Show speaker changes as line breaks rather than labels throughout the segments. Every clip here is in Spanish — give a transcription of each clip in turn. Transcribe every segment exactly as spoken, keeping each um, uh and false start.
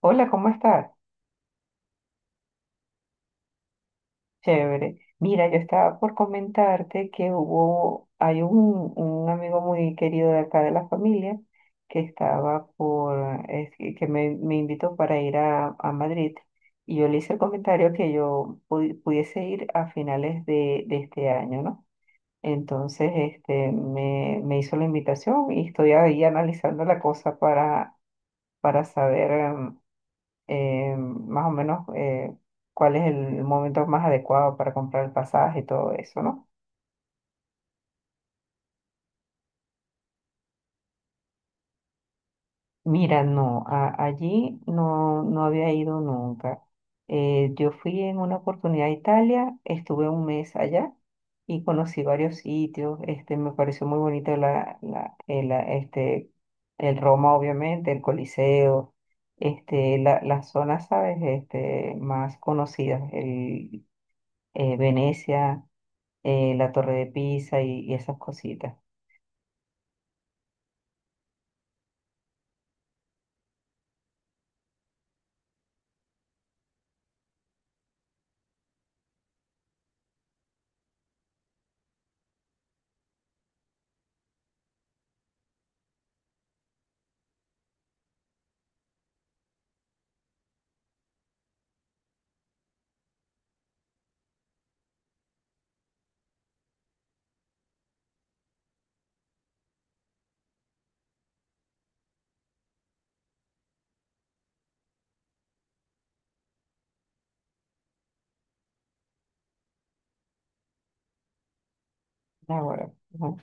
Hola, ¿cómo estás? Chévere. Mira, yo estaba por comentarte que hubo, hay un, un amigo muy querido de acá de la familia que estaba por, es que que me, me invitó para ir a, a Madrid y yo le hice el comentario que yo pudi- pudiese ir a finales de, de este año, ¿no? Entonces, este, me, me hizo la invitación y estoy ahí analizando la cosa para, para saber. Em, eh, más o menos eh, cuál es el momento más adecuado para comprar el pasaje y todo eso, ¿no? Mira, no, a- allí no, no había ido nunca. Eh, yo fui en una oportunidad a Italia, estuve un mes allá y conocí varios sitios. Este, me pareció muy bonito la, la, el, la- este, el Roma, obviamente, el Coliseo, este, la, las zonas, ¿sabes? Este, más conocidas, el, eh, Venecia, eh, la Torre de Pisa y, y esas cositas. Ahora, ujú.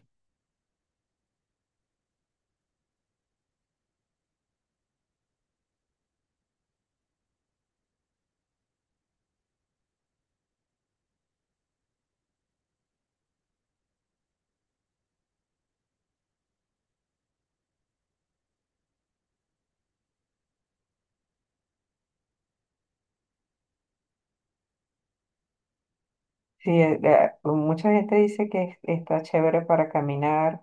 Sí, eh, eh, mucha gente dice que es- está chévere para caminar,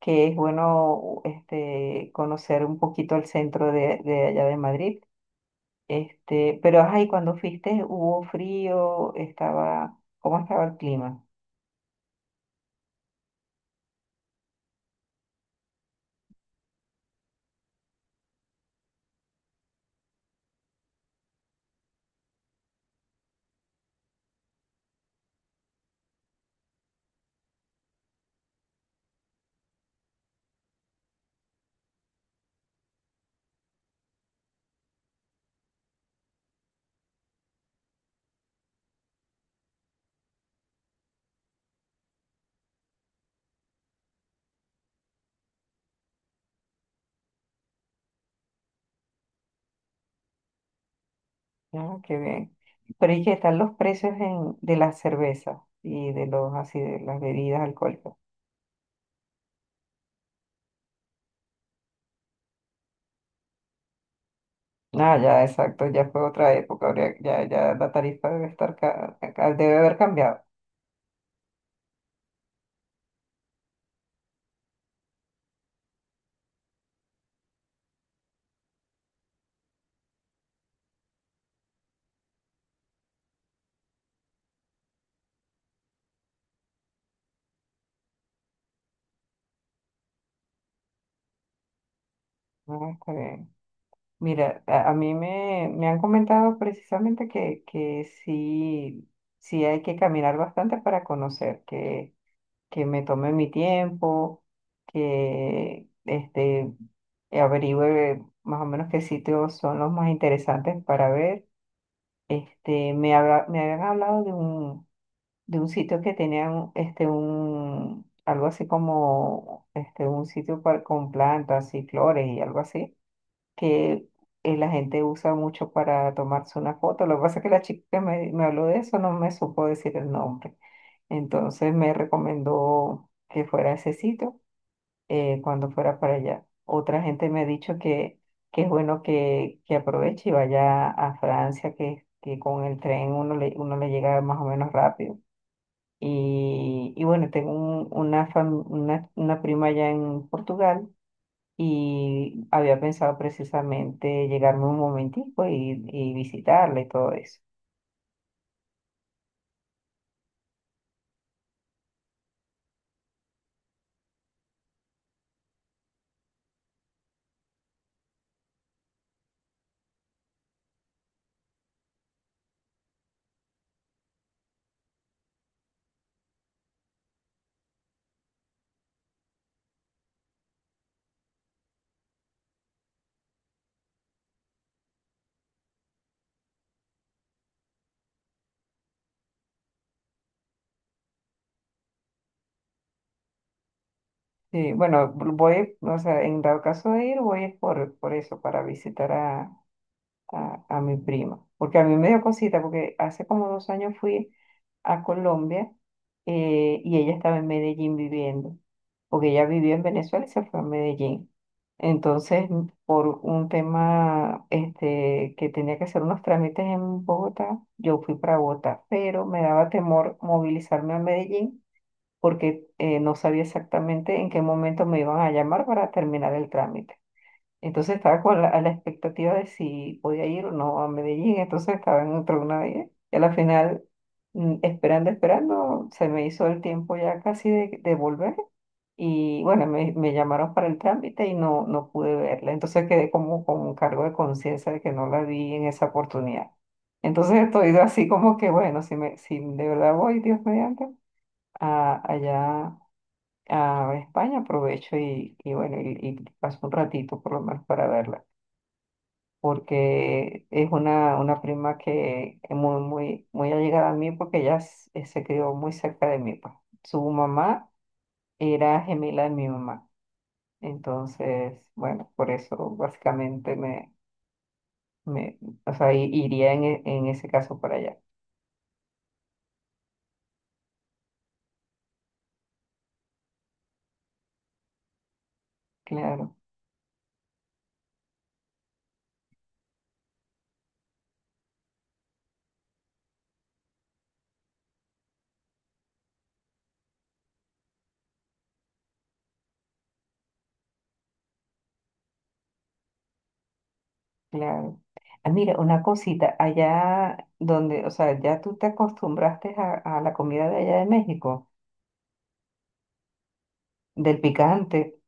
que es bueno este, conocer un poquito el centro de, de allá de Madrid. Este, pero ay, cuando fuiste hubo frío, estaba, ¿cómo estaba el clima? Ah, qué bien. Pero ¿y qué están los precios en, de la cerveza y de los así de las bebidas alcohólicas? Ah, ya, exacto, ya fue otra época, habría- ya, ya la tarifa debe estar, ca- ca- debe haber cambiado. Ah, está bien. Mira, a, a mí me, me han comentado precisamente que, que sí, sí hay que caminar bastante para conocer, que, que me tome mi tiempo, que este, averigüe más o menos qué sitios son los más interesantes para ver. Este, me habla- me habían hablado de un de un sitio que tenía un- este, un, algo así como este, un sitio par- con plantas y flores y algo así, que eh, la gente usa mucho para tomarse una foto. Lo que pasa es que la chica que me, me habló de eso no me supo decir el nombre. Entonces me recomendó que fuera a ese sitio eh, cuando fuera para allá. Otra gente me ha dicho que, que es bueno que, que aproveche y vaya a Francia, que, que con el tren uno le, uno le llega más o menos rápido. Y, y bueno, tengo un- una, fam- una, una prima allá en Portugal y había pensado precisamente llegarme un momentico y, y visitarla y todo eso. Sí, bueno, voy, o sea, en dado caso de ir, voy es por, por eso, para visitar a, a, a mi prima, porque a mí me dio cosita, porque hace como dos años fui a Colombia, eh, y ella estaba en Medellín viviendo, porque ella vivió en Venezuela y se fue a Medellín. Entonces, mm, por un tema este, que tenía que hacer unos trámites en Bogotá, yo fui para Bogotá, pero me daba temor movilizarme a Medellín porque eh, no sabía exactamente en qué momento me iban a llamar para terminar el trámite. Entonces estaba con la, a la expectativa de si podía ir o no a Medellín, entonces estaba en otra una vez. Y a la final, mm, esperando, esperando, se me hizo el tiempo ya casi de, de volver. Y bueno, me, me llamaron para el trámite y no, no pude verla. Entonces quedé como con un cargo de conciencia de que no la vi en esa oportunidad. Entonces estoy así como que, bueno, si, me, si de verdad voy, Dios mediante, a, allá a España, aprovecho y, y bueno, y, y paso un ratito por lo menos para verla porque es una, una prima que es muy, muy, muy allegada a mí porque ella s- eh, se crió muy cerca de mí, pues. Su mamá era gemela de mi mamá. Entonces, bueno, por eso básicamente me, me o sea, i- iría en, e- en ese caso para allá. Claro, claro. Ah, mira, una cosita, allá donde, o sea, ya tú te acostumbraste a, a la comida de allá de México, del picante.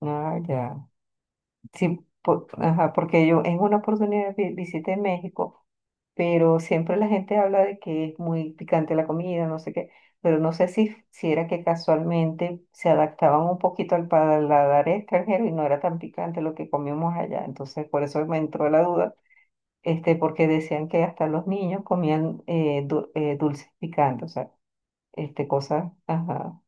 Ah, ya. Sí, po- ajá, porque yo en una oportunidad vi- visité México, pero siempre la gente habla de que es muy picante la comida, no sé qué, pero no sé si, si era que casualmente se adaptaban un poquito al paladar extranjero y no era tan picante lo que comíamos allá. Entonces, por eso me entró la duda, este, porque decían que hasta los niños comían eh, du- eh, dulces picantes, o sea, este, cosas, ajá,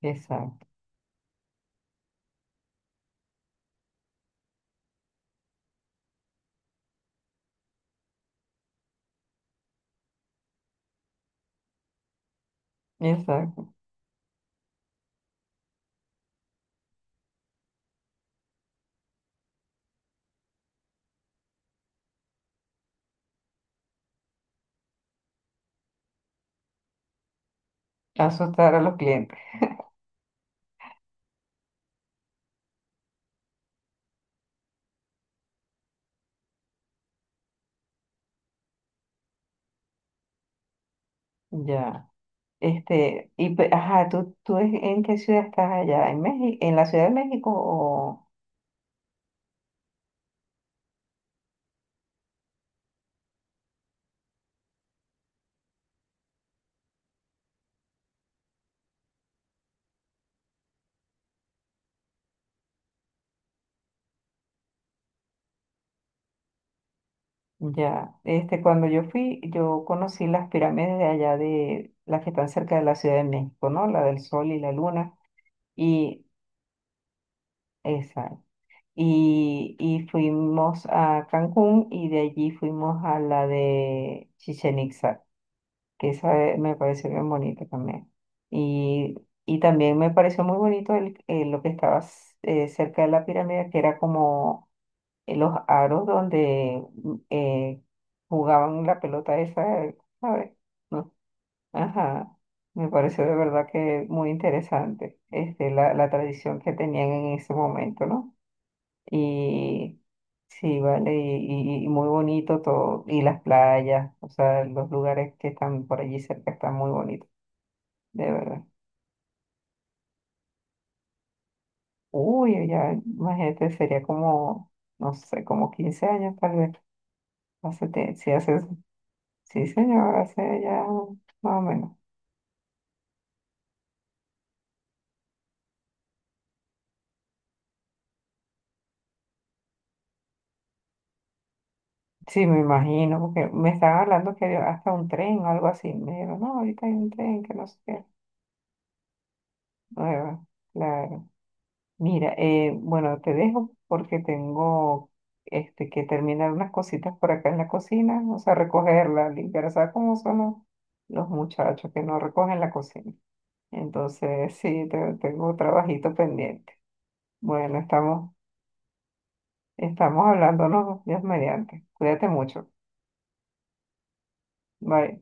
exacto, exacto, asustar a los clientes, ya. Este, y pe- ajá, ¿tú, tú en en qué ciudad estás allá? ¿En México, en la Ciudad de México o ya? Este, cuando yo fui, yo conocí las pirámides de allá de las que están cerca de la Ciudad de México, ¿no? La del Sol y la Luna y esa. Y, y fuimos a Cancún y de allí fuimos a la de Chichén Itzá. Que esa, eh, me pareció bien bonita también. Y, y también me pareció muy bonito el, eh, lo que estaba s- eh, cerca de la pirámide, que era como eh, los aros donde mm, eh, jugaban la pelota esa, eh, ¿sabes? ¿No? Ajá, me pareció de verdad que muy interesante este, la, la tradición que tenían en ese momento, ¿no? Y sí, vale, y, y- y muy bonito todo, y las playas, o sea, los lugares que están por allí cerca están muy bonitos, de verdad. Uy, ya, imagínate, sería como, no sé, como quince años tal vez. Hace, tie- sí, hace, sí, señor, hace ya más o menos. Sí, me imagino, porque me estaban hablando que había hasta un tren o algo así. Me dijeron, no, ahorita hay un tren que no sé qué. Bueno, claro. Mira, eh, bueno, te dejo porque tengo este, que terminar unas cositas por acá en la cocina, o sea, recogerla, limpiar, ¿sabes cómo son los, los muchachos que no recogen la cocina? Entonces, sí, te- tengo un trabajito pendiente. Bueno, estamos, Estamos hablándonos, Dios mediante. Cuídate mucho. Bye.